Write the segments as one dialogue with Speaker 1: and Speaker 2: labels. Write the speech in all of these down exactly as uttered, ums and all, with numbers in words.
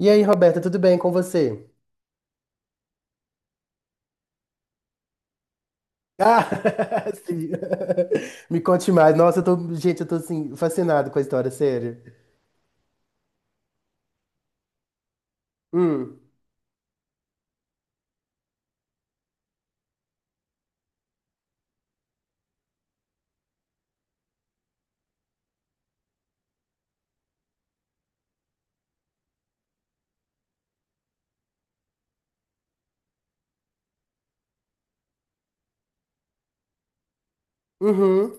Speaker 1: E aí, Roberta, tudo bem com você? Ah, sim. Me conte mais. Nossa, eu tô, gente, eu tô assim, fascinado com a história, sério. Hum, uhum.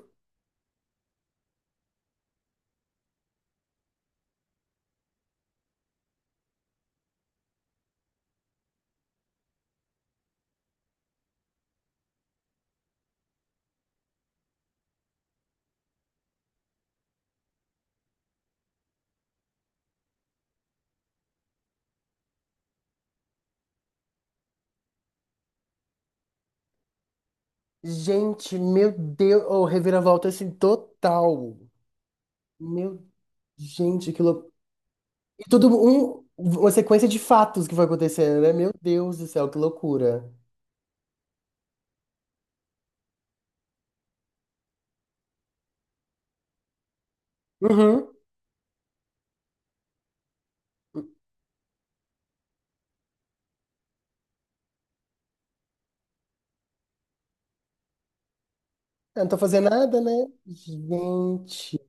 Speaker 1: Gente, meu Deus, oh, reviravolta assim total. Meu, gente, que loucura. E tudo um, uma sequência de fatos que foi acontecendo, né? Meu Deus do céu, que loucura. Uhum. Eu não tô fazendo nada, né? Gente,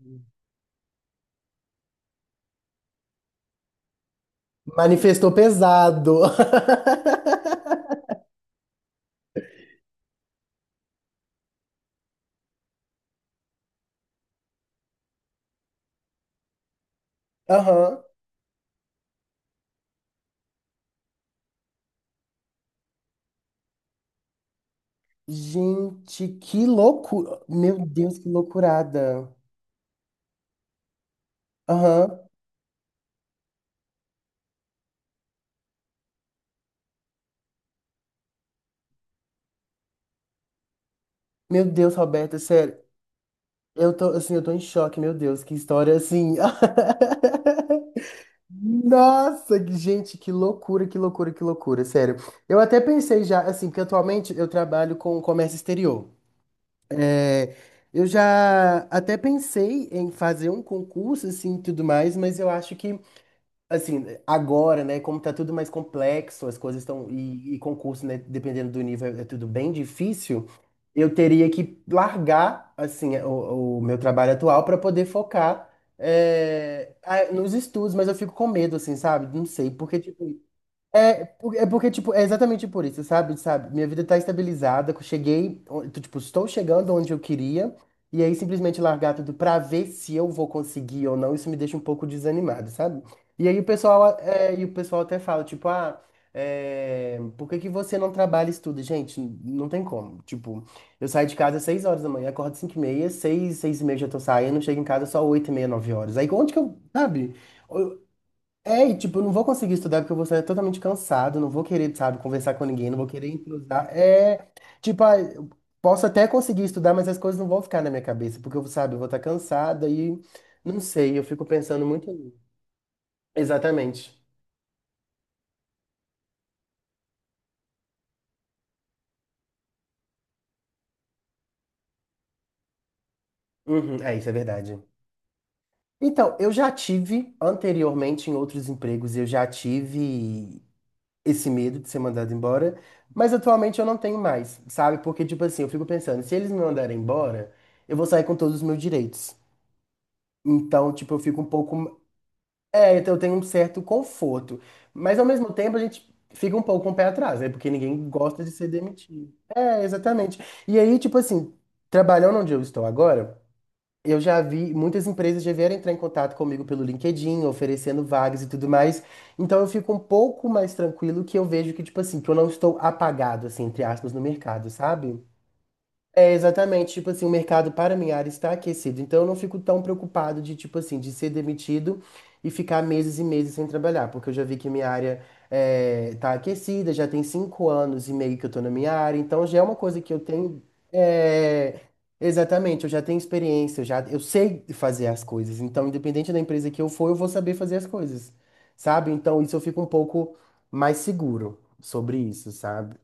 Speaker 1: manifestou pesado. Aham. Gente, que loucura! Meu Deus, que loucurada! Aham. Meu Deus, Roberta, sério. Eu tô, assim, eu tô em choque, meu Deus, que história assim. Nossa, que- gente, que loucura, que loucura, que loucura, sério. Eu até pensei já, assim, porque atualmente eu trabalho com comércio exterior. É, eu já até pensei em fazer um concurso, assim, e tudo mais, mas eu acho que assim, agora, né, como tá tudo mais complexo, as coisas estão. E, e concurso, né, dependendo do nível, é é tudo bem difícil. Eu teria que largar, assim, é, o, o meu trabalho atual para poder focar é, a- nos estudos, mas eu fico com medo, assim, sabe? Não sei, porque, tipo, é, por- é porque, tipo, é exatamente por isso, sabe? Sabe? Minha vida tá estabilizada, que eu cheguei, on- tô, tipo, estou chegando onde eu queria, e aí simplesmente largar tudo pra ver se eu vou conseguir ou não, isso me deixa um pouco desanimado, sabe? E aí o pessoal, é, e o pessoal até fala, tipo, ah, é, por que que você não trabalha e estuda? Gente, não tem como. Tipo, eu saio de casa às seis horas da manhã, acordo cinco e meia, seis, seis e meia já tô saindo, chego em casa só oito e meia, nove horas. Aí onde que eu, sabe? É, e tipo, eu não vou conseguir estudar porque eu vou estar totalmente cansado, não vou querer, sabe, conversar com ninguém, não vou querer entrosar. É, tipo, ah, eu posso até conseguir estudar, mas as coisas não vão ficar na minha cabeça, porque eu, sabe, eu vou estar cansada e não sei, eu fico pensando muito nisso. Exatamente. Uhum, é, isso é verdade. Então, eu já tive anteriormente em outros empregos, eu já tive esse medo de ser mandado embora, mas atualmente eu não tenho mais, sabe? Porque, tipo assim, eu fico pensando, se eles me mandarem embora, eu vou sair com todos os meus direitos. Então, tipo, eu fico um pouco. É, então eu tenho um certo conforto. Mas ao mesmo tempo a gente fica um pouco com o pé atrás, né? Porque ninguém gosta de ser demitido. É, exatamente. E aí, tipo assim, trabalhando onde eu estou agora, eu já vi, muitas empresas já vieram entrar em contato comigo pelo LinkedIn, oferecendo vagas e tudo mais. Então eu fico um pouco mais tranquilo que eu vejo que, tipo assim, que eu não estou apagado, assim, entre aspas, no mercado, sabe? É, exatamente, tipo assim, o mercado para minha área está aquecido, então eu não fico tão preocupado de, tipo assim, de ser demitido e ficar meses e meses sem trabalhar, porque eu já vi que minha área é, tá aquecida, já tem cinco anos e meio que eu tô na minha área, então já é uma coisa que eu tenho, é, exatamente, eu já tenho experiência, eu já, eu sei fazer as coisas, então independente da empresa que eu for, eu vou saber fazer as coisas, sabe? Então isso eu fico um pouco mais seguro sobre isso, sabe?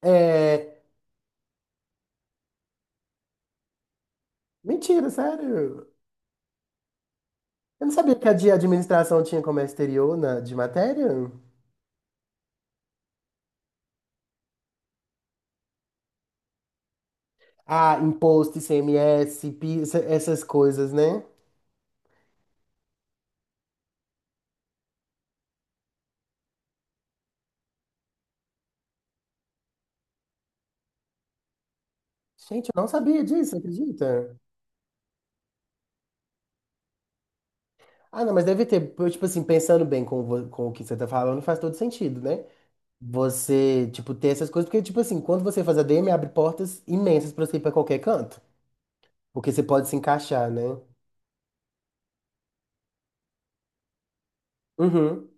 Speaker 1: É, mentira, sério. Eu não sabia que a de administração tinha comércio exterior na, de matéria. Ah, imposto, I C M S, PIS, essas coisas, né? Gente, eu não sabia disso, acredita? Ah, não, mas deve ter, tipo assim, pensando bem com, vo- com o que você tá falando, faz todo sentido, né? Você, tipo, ter essas coisas, porque, tipo assim, quando você faz a ADM, abre portas imensas pra você ir pra qualquer canto. Porque você pode se encaixar, né? Uhum,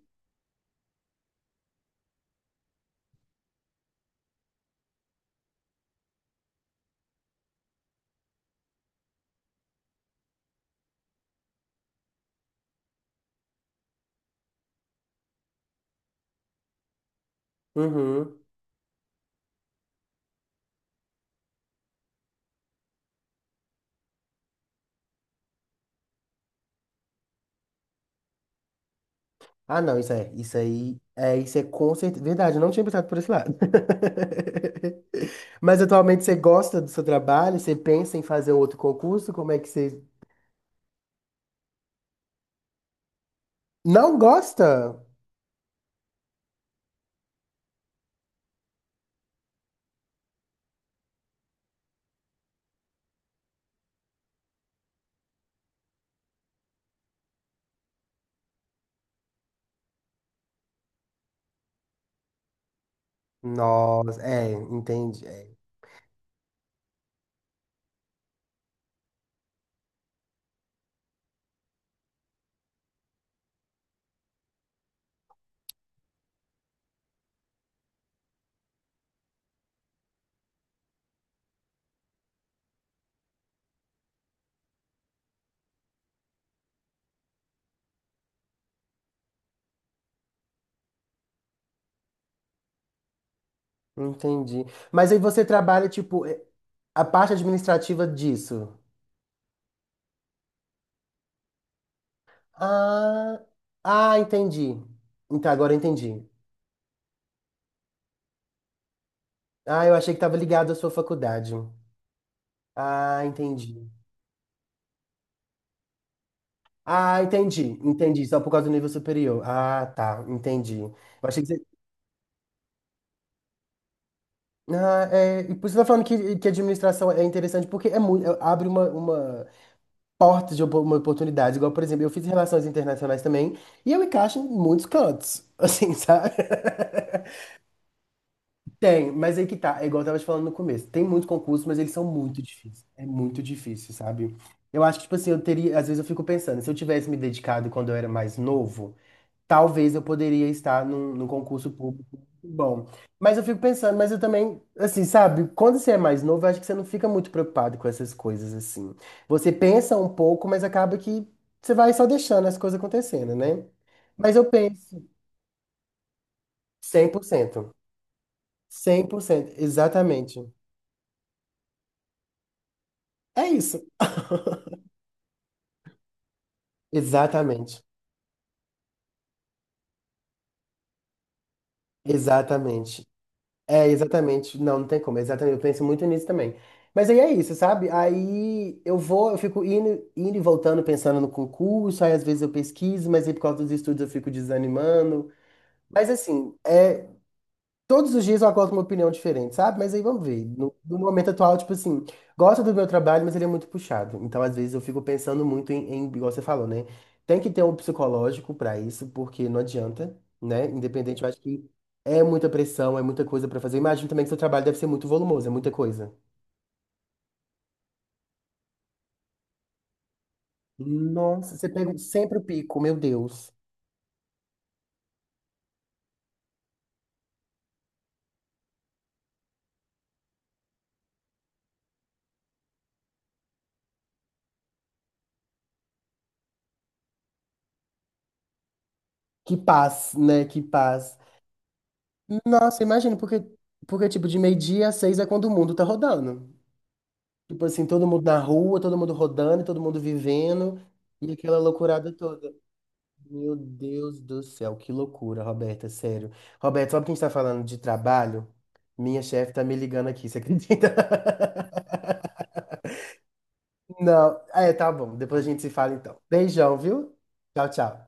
Speaker 1: uhum. Ah, não, isso é, isso aí, é, isso é com certeza, verdade, eu não tinha pensado por esse lado. Mas atualmente você gosta do seu trabalho? Você pensa em fazer um outro concurso? Como é que você não gosta? Nossa, é, entendi, é, entendi. Mas aí você trabalha, tipo, é, a parte administrativa disso. Ah, ah, entendi. Então, agora eu entendi. Ah, eu achei que estava ligado à sua faculdade. Ah, entendi. Ah, entendi, entendi. Só por causa do nível superior. Ah, tá, entendi. Eu achei que você. Ah, é, e por isso você tá falando que, que administração é interessante, porque é muito, abre uma, uma porta de opo- uma oportunidade. Igual, por exemplo, eu fiz relações internacionais também, e eu encaixo em muitos cantos, assim, sabe? Tem, mas aí que tá, é igual eu tava te falando no começo. Tem muitos concursos, mas eles são muito difíceis. É muito difícil, sabe? Eu acho que, tipo assim, eu teria. Às vezes eu fico pensando, se eu tivesse me dedicado quando eu era mais novo. Talvez eu poderia estar num, num concurso público muito bom. Mas eu fico pensando, mas eu também, assim, sabe, quando você é mais novo, eu acho que você não fica muito preocupado com essas coisas, assim. Você pensa um pouco, mas acaba que você vai só deixando as coisas acontecendo, né? Mas eu penso cem cem por cento cem por cento exatamente. É isso. Exatamente. Exatamente. É, exatamente. Não, não tem como. Exatamente. Eu penso muito nisso também. Mas aí é isso, sabe? Aí eu vou, eu fico indo, indo e voltando, pensando no concurso, aí às vezes eu pesquiso, mas aí por causa dos estudos eu fico desanimando. Mas assim, é, todos os dias eu acordo com uma opinião diferente, sabe? Mas aí vamos ver. No, no momento atual, tipo assim, gosto do meu trabalho, mas ele é muito puxado. Então, às vezes, eu fico pensando muito em, em, igual você falou, né? Tem que ter um psicológico pra isso, porque não adianta, né? Independente, eu acho que é muita pressão, é muita coisa pra fazer. Imagino também que seu trabalho deve ser muito volumoso, é muita coisa. Nossa, você pega sempre o pico, meu Deus. Que paz, né? Que paz. Nossa, imagina, porque, porque tipo, de meio-dia a seis é quando o mundo tá rodando. Tipo assim, todo mundo na rua, todo mundo rodando, todo mundo vivendo e aquela loucurada toda. Meu Deus do céu, que loucura, Roberta, sério. Roberta, sabe que a gente tá falando de trabalho? Minha chefe tá me ligando aqui, você acredita? Não, é, tá bom, depois a gente se fala então. Beijão, viu? Tchau, tchau.